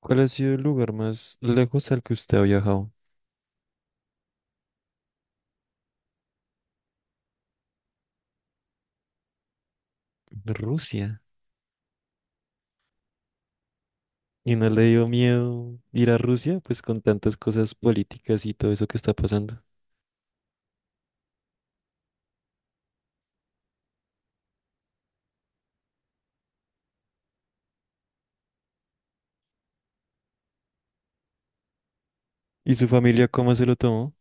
¿Cuál ha sido el lugar más lejos al que usted ha viajado? Rusia. ¿Y no le dio miedo ir a Rusia? Pues con tantas cosas políticas y todo eso que está pasando. ¿Y su familia cómo se lo tomó?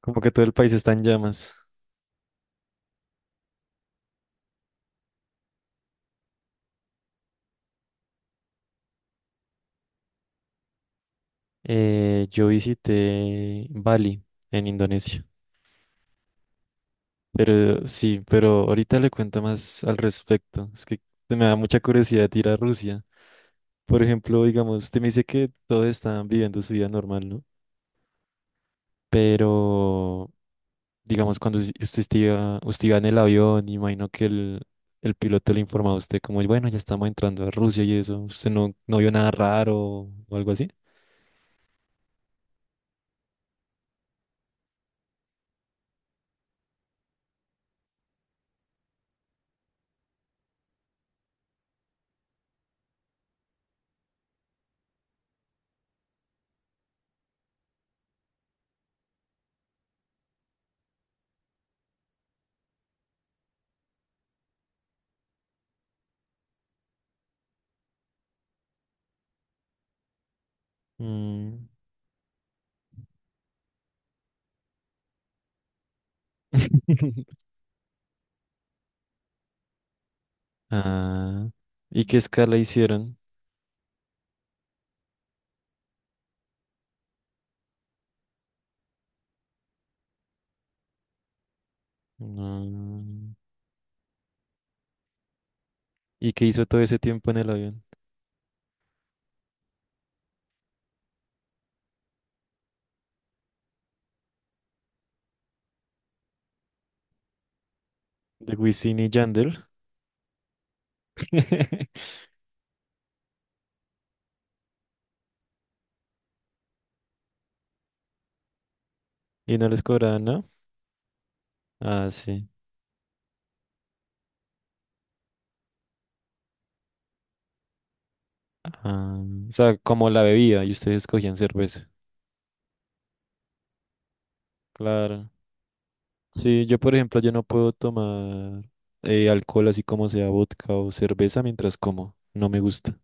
Como que todo el país está en llamas. Yo visité Bali en Indonesia. Pero sí, pero ahorita le cuento más al respecto. Es que me da mucha curiosidad ir a Rusia. Por ejemplo, digamos, usted me dice que todos están viviendo su vida normal, ¿no? Pero digamos, cuando usted iba en el avión, imagino que el piloto le informaba a usted como, bueno, ya estamos entrando a Rusia y eso, usted no vio nada raro o algo así. Mm. Ah, ¿y qué escala hicieron? Mm, ¿Y qué hizo todo ese tiempo en el avión? De Wisin y Yandel. Y no les cobraban, ¿no? Ah, sí. Ah, o sea, como la bebía y ustedes cogían cerveza. Claro. Sí, yo por ejemplo, yo no puedo tomar alcohol así como sea vodka o cerveza mientras como. No me gusta.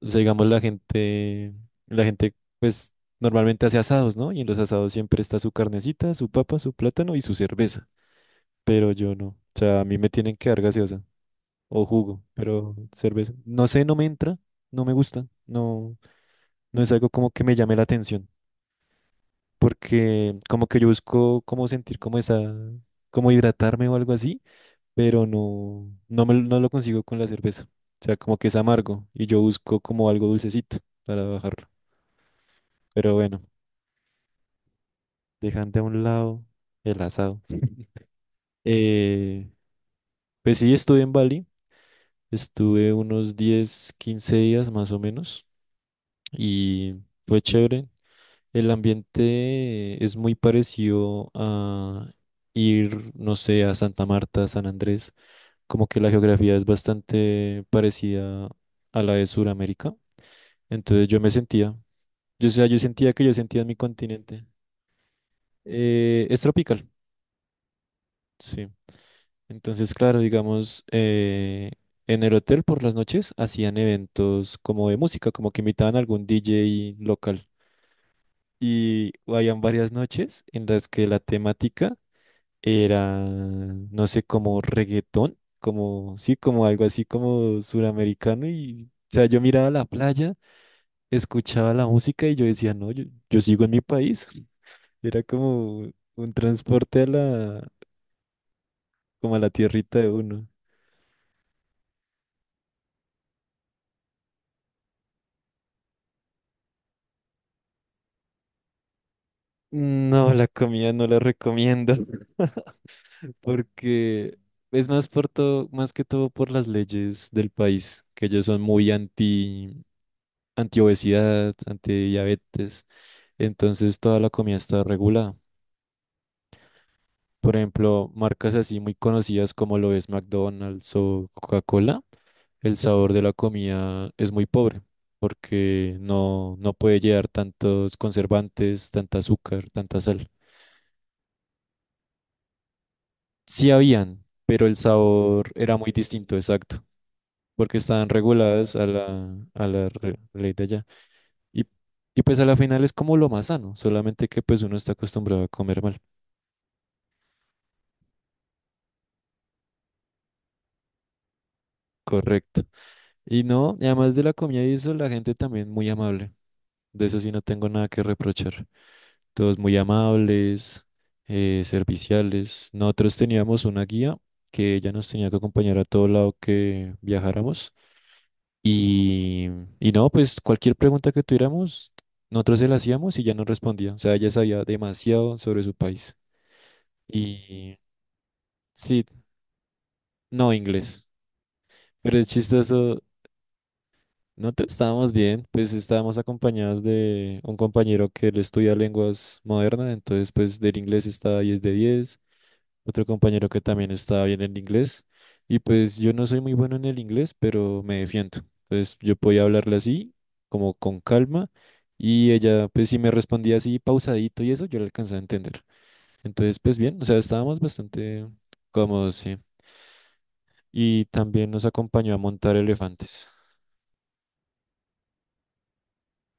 O sea, digamos la gente pues normalmente hace asados, ¿no? Y en los asados siempre está su carnecita, su papa, su plátano y su cerveza. Pero yo no. O sea, a mí me tienen que dar gaseosa o jugo, pero cerveza. No sé, no me entra, no me gusta, no es algo como que me llame la atención. Porque como que yo busco como sentir como esa, como hidratarme o algo así pero no lo consigo con la cerveza. O sea, como que es amargo y yo busco como algo dulcecito para bajarlo. Pero bueno, dejando a un lado el asado. Eh, pues sí, estuve en Bali, estuve unos 10, 15 días más o menos y fue chévere. El ambiente es muy parecido a ir, no sé, a Santa Marta, San Andrés, como que la geografía es bastante parecida a la de Sudamérica. Entonces yo me sentía, yo, o sea, yo sentía que yo sentía en mi continente. Es tropical, sí. Entonces, claro, digamos, en el hotel por las noches hacían eventos como de música, como que invitaban a algún DJ local. Y habían varias noches en las que la temática era, no sé, como reggaetón, como, sí, como algo así como suramericano. Y, o sea, yo miraba la playa, escuchaba la música y yo decía, no, yo sigo en mi país. Era como un transporte a la, como a la tierrita de uno. No, la comida no la recomiendo. Porque es más por todo, más que todo por las leyes del país, que ellos son muy anti obesidad, anti diabetes, entonces toda la comida está regulada. Por ejemplo, marcas así muy conocidas como lo es McDonald's o Coca-Cola, el sabor de la comida es muy pobre porque no puede llevar tantos conservantes, tanta azúcar, tanta sal. Sí habían, pero el sabor era muy distinto, exacto, porque estaban reguladas a la ley de allá. Y, y pues a la final es como lo más sano, solamente que pues uno está acostumbrado a comer mal. Correcto. Y no, y además de la comida y eso, la gente también muy amable. De eso sí no tengo nada que reprochar. Todos muy amables, serviciales. Nosotros teníamos una guía que ella nos tenía que acompañar a todo lado que viajáramos. Y, y no, pues cualquier pregunta que tuviéramos, nosotros se la hacíamos y ya nos respondía. O sea, ella sabía demasiado sobre su país. Y sí, no inglés. Pero es chistoso. No estábamos bien, pues estábamos acompañados de un compañero que él estudia lenguas modernas, entonces pues del inglés está 10 de 10. Otro compañero que también está bien en inglés, y pues yo no soy muy bueno en el inglés, pero me defiendo. Entonces yo podía hablarle así, como con calma, y ella pues si me respondía así pausadito y eso, yo le alcanzaba a entender. Entonces pues bien, o sea, estábamos bastante cómodos, sí. Y también nos acompañó a montar elefantes.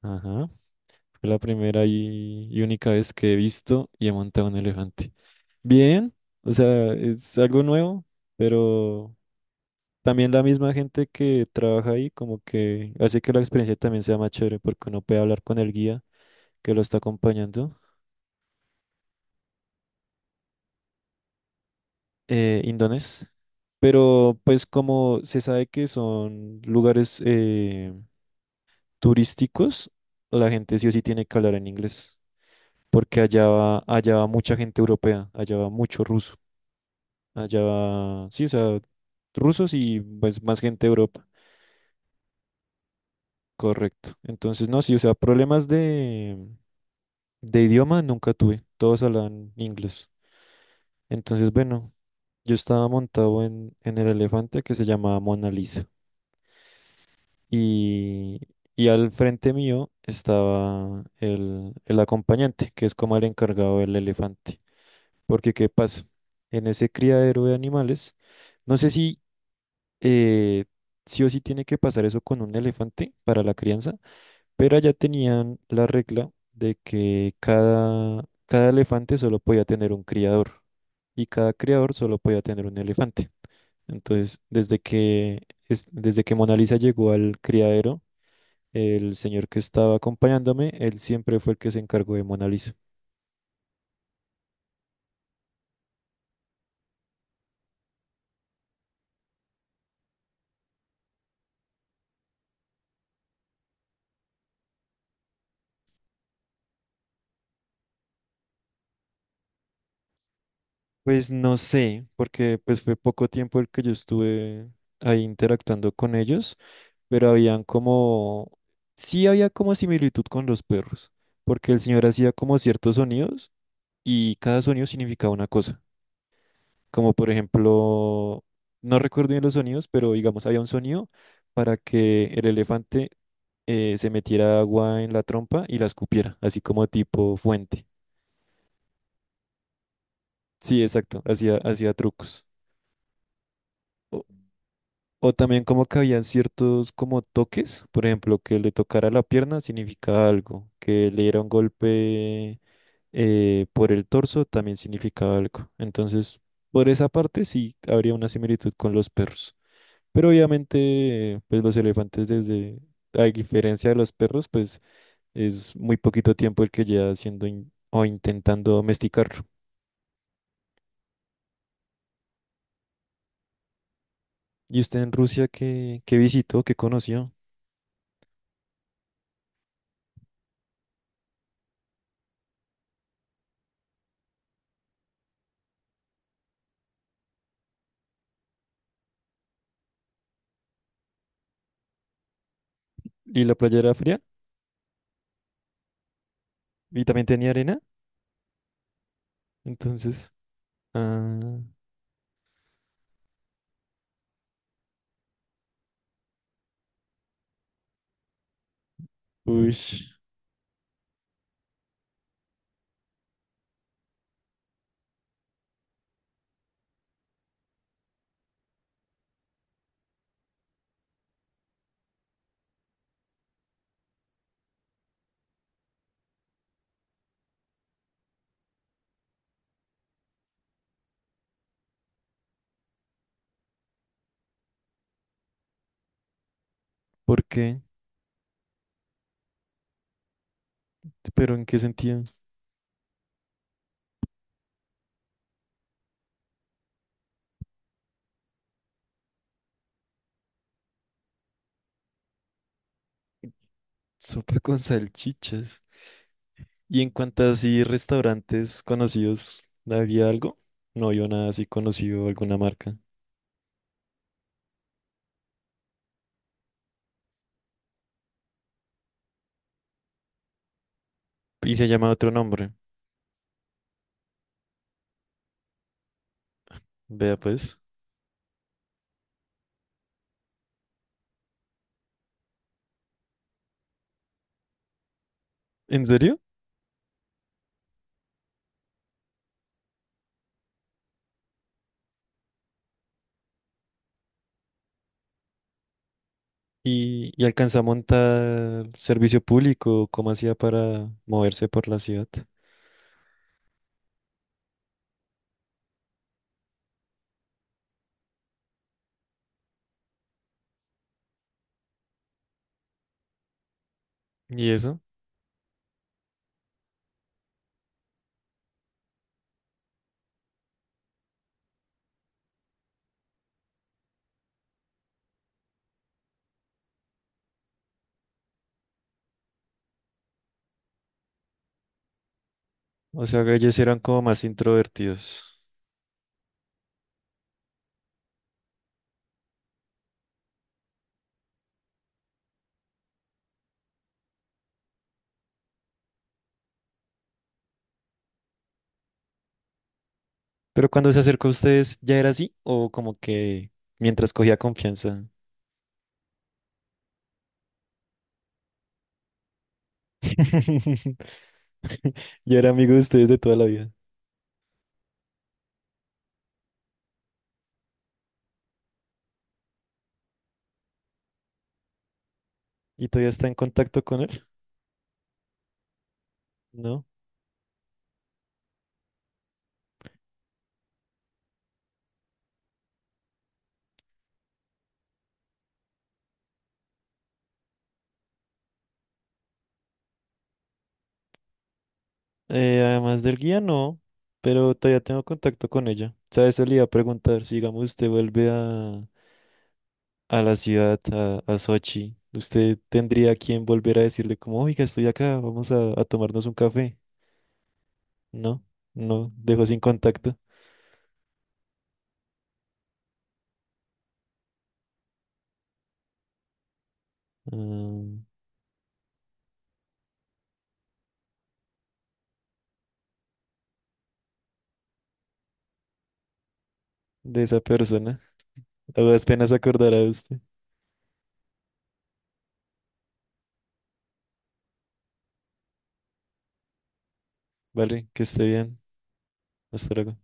Ajá. Fue la primera y única vez que he visto y he montado un elefante. Bien, o sea, es algo nuevo, pero también la misma gente que trabaja ahí como que hace que la experiencia también sea más chévere porque uno puede hablar con el guía que lo está acompañando, indonés. Pero pues como se sabe que son lugares turísticos, la gente sí o sí tiene que hablar en inglés porque allá va mucha gente europea, allá va mucho ruso. Allá, sí, o sea, rusos y pues más gente de Europa. Correcto. Entonces, no, sí, o sea, problemas de idioma nunca tuve. Todos hablan inglés. Entonces, bueno, yo estaba montado en el elefante que se llamaba Mona Lisa. Y, y al frente mío estaba el acompañante, que es como el encargado del elefante. Porque, ¿qué pasa? En ese criadero de animales, no sé si eh, sí o sí tiene que pasar eso con un elefante para la crianza, pero allá tenían la regla de que cada elefante solo podía tener un criador y cada criador solo podía tener un elefante. Entonces, desde que Mona Lisa llegó al criadero, el señor que estaba acompañándome, él siempre fue el que se encargó de Mona Lisa. Pues no sé, porque pues fue poco tiempo el que yo estuve ahí interactuando con ellos, pero habían como, sí había como similitud con los perros, porque el señor hacía como ciertos sonidos y cada sonido significaba una cosa, como por ejemplo, no recuerdo bien los sonidos, pero digamos había un sonido para que el elefante se metiera agua en la trompa y la escupiera, así como tipo fuente. Sí, exacto, hacía trucos. O también como que habían ciertos como toques, por ejemplo, que le tocara la pierna significaba algo, que le diera un golpe por el torso también significaba algo. Entonces, por esa parte sí habría una similitud con los perros. Pero obviamente, pues los elefantes desde, a diferencia de los perros, pues es muy poquito tiempo el que lleva haciendo o intentando domesticar. ¿Y usted en Rusia qué, visitó, qué conoció? ¿Y la playa era fría? ¿Y también tenía arena? Entonces, ah, uy, ¿por qué? ¿Pero en qué sentido? Sopa con salchichas. ¿Y en cuanto a así restaurantes conocidos, había algo? No vio nada así conocido, alguna marca. Y se llama otro nombre. Vea pues. ¿En serio? ¿Y alcanza a montar servicio público? ¿Cómo hacía para moverse por la ciudad? ¿Y eso? O sea, que ellos eran como más introvertidos. Pero cuando se acercó a ustedes, ¿ya era así? ¿O como que mientras cogía confianza? Ya era amigo de ustedes de toda la vida. ¿Y todavía está en contacto con él? No. Además del guía, no. Pero todavía tengo contacto con ella. ¿Sabes? Eso le iba a preguntar. Si, digamos, usted vuelve a la ciudad, a Sochi, ¿usted tendría a quien volver a decirle como, oiga, estoy acá, vamos a tomarnos un café? No, no, dejó sin contacto mm, de esa persona. A las penas acordará usted. Vale, que esté bien. Hasta luego.